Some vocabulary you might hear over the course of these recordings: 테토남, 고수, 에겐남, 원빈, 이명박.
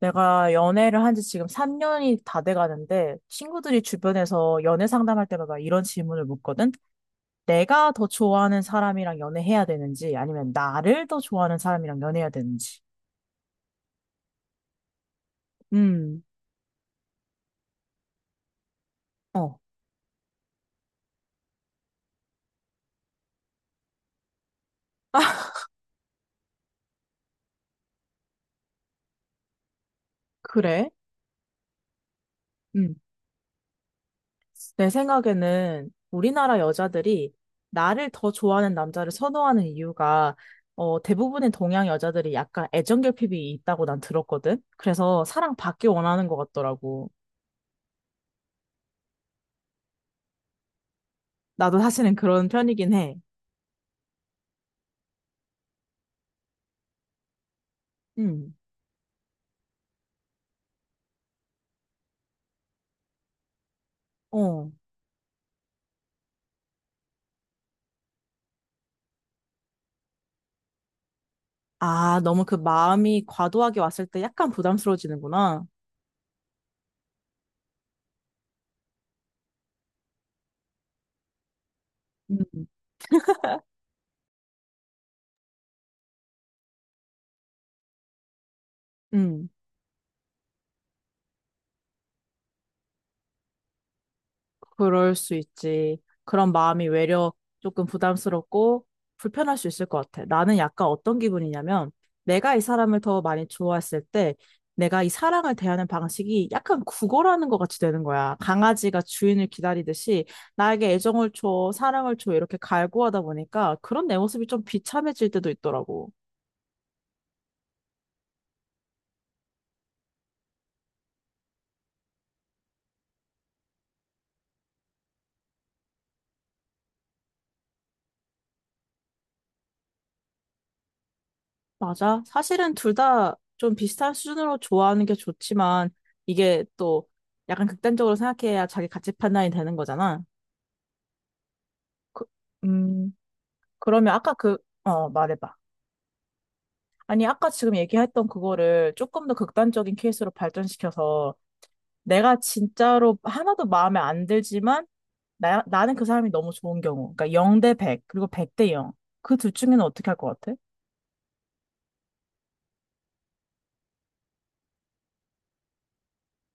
내가 연애를 한지 지금 3년이 다 돼가는데 친구들이 주변에서 연애 상담할 때마다 이런 질문을 묻거든? 내가 더 좋아하는 사람이랑 연애해야 되는지 아니면 나를 더 좋아하는 사람이랑 연애해야 되는지. 음, 어, 그래? 음, 내 생각에는 우리나라 여자들이 나를 더 좋아하는 남자를 선호하는 이유가 대부분의 동양 여자들이 약간 애정 결핍이 있다고 난 들었거든? 그래서 사랑받기 원하는 것 같더라고. 나도 사실은 그런 편이긴 해. 음. 어. 아, 너무 그 마음이 과도하게 왔을 때 약간 부담스러워지는구나. 음. 음, 그럴 수 있지. 그런 마음이 외려 조금 부담스럽고 불편할 수 있을 것 같아. 나는 약간 어떤 기분이냐면 내가 이 사람을 더 많이 좋아했을 때 내가 이 사랑을 대하는 방식이 약간 구걸하는 것 같이 되는 거야. 강아지가 주인을 기다리듯이 나에게 애정을 줘, 사랑을 줘 이렇게 갈구하다 보니까 그런 내 모습이 좀 비참해질 때도 있더라고. 맞아. 사실은 둘 다 좀 비슷한 수준으로 좋아하는 게 좋지만 이게 또 약간 극단적으로 생각해야 자기 가치 판단이 되는 거잖아. 그, 음, 그러면 아까 말해봐. 아니, 아까 지금 얘기했던 그거를 조금 더 극단적인 케이스로 발전시켜서 내가 진짜로 하나도 마음에 안 들지만 나는 그 사람이 너무 좋은 경우. 그러니까 0대 100, 그리고 100대 0. 그 둘 중에는 어떻게 할 것 같아?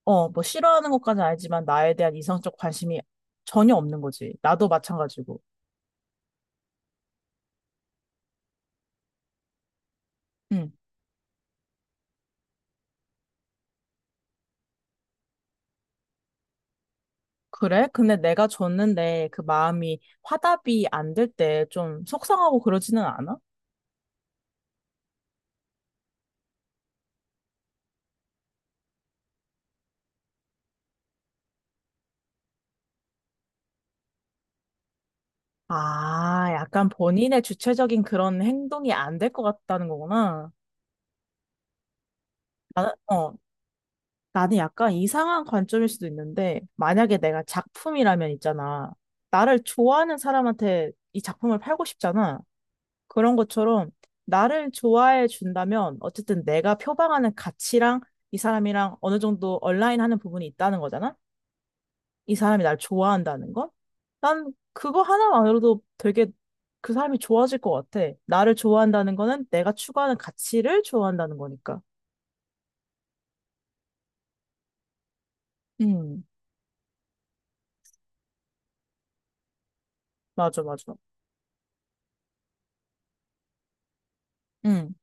뭐 싫어하는 것까지 는 알지만 나에 대한 이성적 관심이 전혀 없는 거지. 나도 마찬가지고. 응. 그래? 근데 내가 줬는데 그 마음이 화답이 안 될 때 좀 속상하고 그러지는 않아? 아, 약간 본인의 주체적인 그런 행동이 안 될 것 같다는 거구나. 나는, 어, 나는 약간 이상한 관점일 수도 있는데, 만약에 내가 작품이라면 있잖아. 나를 좋아하는 사람한테 이 작품을 팔고 싶잖아. 그런 것처럼 나를 좋아해 준다면 어쨌든 내가 표방하는 가치랑 이 사람이랑 어느 정도 얼라인하는 부분이 있다는 거잖아? 이 사람이 날 좋아한다는 건? 난 그거 하나만으로도 되게 그 사람이 좋아질 것 같아. 나를 좋아한다는 거는 내가 추구하는 가치를 좋아한다는 거니까. 음, 맞아, 맞아. 음.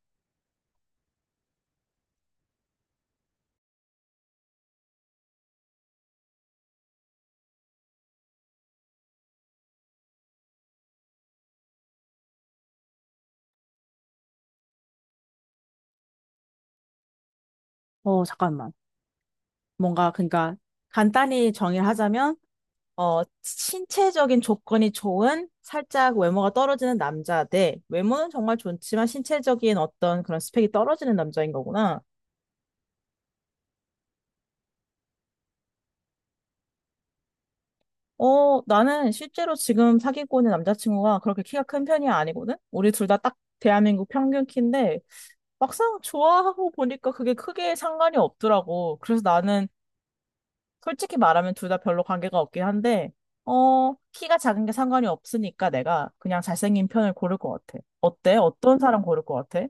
잠깐만. 뭔가, 그러니까, 간단히 정의를 하자면, 신체적인 조건이 좋은 살짝 외모가 떨어지는 남자 대 외모는 정말 좋지만 신체적인 어떤 그런 스펙이 떨어지는 남자인 거구나. 나는 실제로 지금 사귀고 있는 남자친구가 그렇게 키가 큰 편이 아니거든? 우리 둘 다 딱 대한민국 평균 키인데 막상 좋아하고 보니까 그게 크게 상관이 없더라고. 그래서 나는 솔직히 말하면 둘 다 별로 관계가 없긴 한데, 키가 작은 게 상관이 없으니까 내가 그냥 잘생긴 편을 고를 것 같아. 어때? 어떤 사람 고를 것 같아?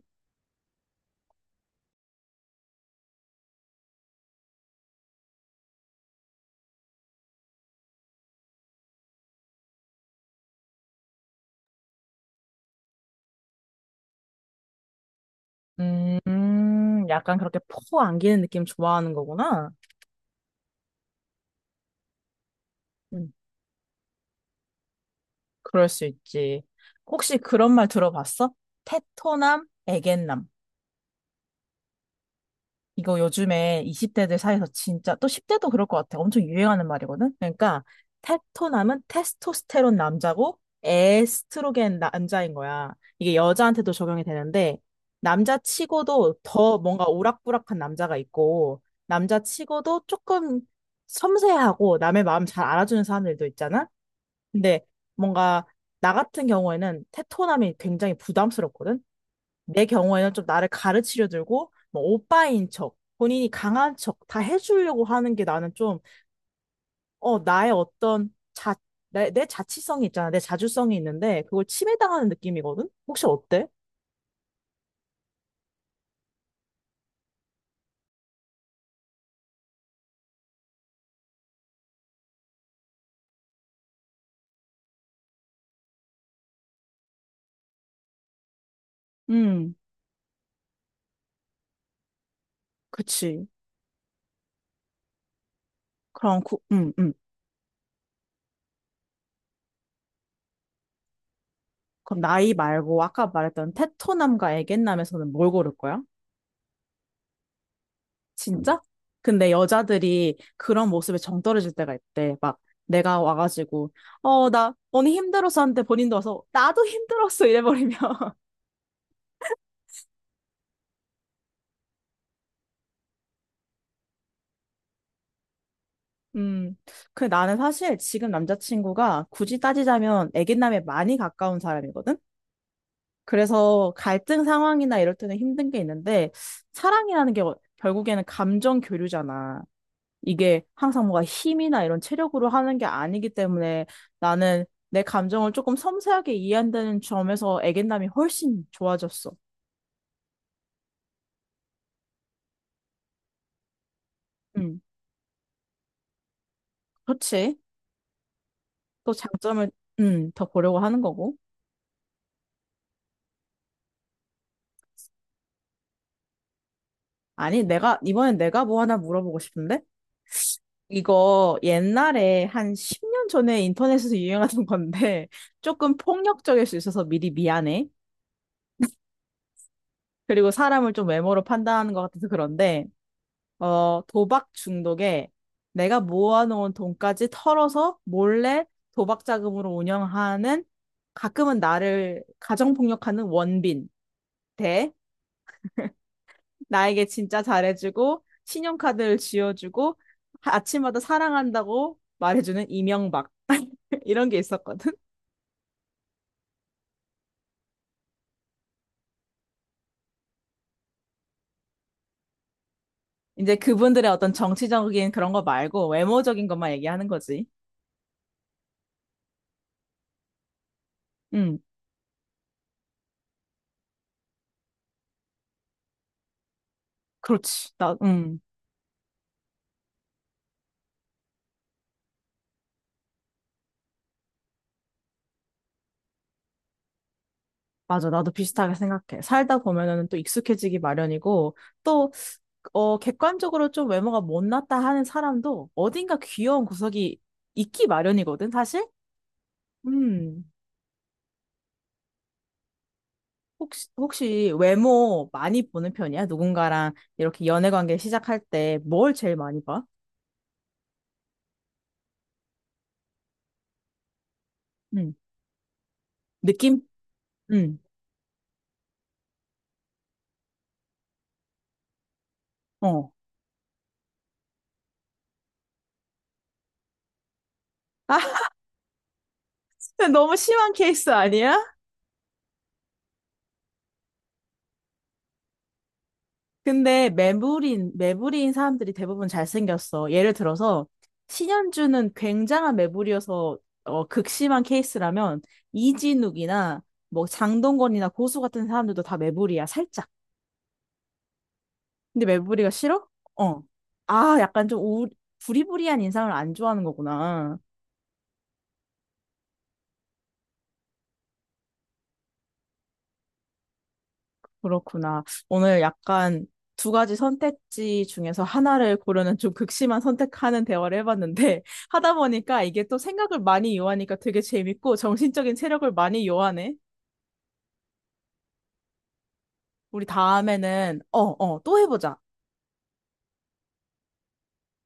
약간 그렇게 포 안기는 느낌 좋아하는 거구나. 음, 그럴 수 있지. 혹시 그런 말 들어봤어? 테토남, 에겐남. 이거 요즘에 20대들 사이에서 진짜 또 10대도 그럴 것 같아. 엄청 유행하는 말이거든. 그러니까 테토남은 테스토스테론 남자고 에스트로겐 남자인 거야. 이게 여자한테도 적용이 되는데 남자 치고도 더 뭔가 오락부락한 남자가 있고 남자 치고도 조금 섬세하고 남의 마음 잘 알아주는 사람들도 있잖아. 근데 뭔가 나 같은 경우에는 테토남이 굉장히 부담스럽거든. 내 경우에는 좀 나를 가르치려 들고 뭐 오빠인 척, 본인이 강한 척 다 해주려고 하는 게 나는 좀, 어, 나의 어떤 자, 내, 내 자치성이 있잖아. 내 자주성이 있는데 그걸 침해당하는 느낌이거든? 혹시 어때? 음, 그치. 그럼, 그럼 나이 말고 아까 말했던 테토남과 애견남에서는 뭘 고를 거야? 진짜? 근데 여자들이 그런 모습에 정 떨어질 때가 있대. 막 내가 와가지고 어, 나 언니 힘들었어 하는데 본인도 와서 나도 힘들었어 이래버리면 음. 근데 나는 사실 지금 남자친구가 굳이 따지자면 애견남에 많이 가까운 사람이거든? 그래서 갈등 상황이나 이럴 때는 힘든 게 있는데 사랑이라는 게 결국에는 감정 교류잖아. 이게 항상 뭔가 힘이나 이런 체력으로 하는 게 아니기 때문에 나는 내 감정을 조금 섬세하게 이해한다는 점에서 애견남이 훨씬 좋아졌어. 음, 그렇지. 또 장점을 더 보려고 하는 거고. 아니, 내가 이번엔 내가 뭐 하나 물어보고 싶은데? 이거 옛날에 한 10년 전에 인터넷에서 유행하던 건데 조금 폭력적일 수 있어서 미리 미안해. 그리고 사람을 좀 외모로 판단하는 것 같아서 그런데 도박 중독에 내가 모아놓은 돈까지 털어서 몰래 도박 자금으로 운영하는 가끔은 나를 가정폭력하는 원빈 대 나에게 진짜 잘해주고 신용카드를 쥐어주고 아침마다 사랑한다고 말해주는 이명박. 이런 게 있었거든. 이제 그분들의 어떤 정치적인 그런 거 말고 외모적인 것만 얘기하는 거지. 응, 그렇지. 나, 응. 맞아, 나도 비슷하게 생각해. 살다 보면은 또 익숙해지기 마련이고, 또, 객관적으로 좀 외모가 못났다 하는 사람도 어딘가 귀여운 구석이 있기 마련이거든, 사실? 음, 혹시, 외모 많이 보는 편이야? 누군가랑 이렇게 연애 관계 시작할 때 뭘 제일 많이 봐? 음, 느낌? 음, 어. 아, 너무 심한 케이스 아니야? 근데 매부리인 사람들이 대부분 잘생겼어. 예를 들어서 신현주는 굉장한 매부리여서 극심한 케이스라면 이진욱이나 뭐 장동건이나 고수 같은 사람들도 다 매부리야, 살짝. 근데 매부리가 싫어? 어. 아, 약간 좀 부리부리한 인상을 안 좋아하는 거구나. 그렇구나. 오늘 약간 두 가지 선택지 중에서 하나를 고르는 좀 극심한 선택하는 대화를 해봤는데 하다 보니까 이게 또 생각을 많이 요하니까 되게 재밌고 정신적인 체력을 많이 요하네. 우리 다음에는 또 해보자.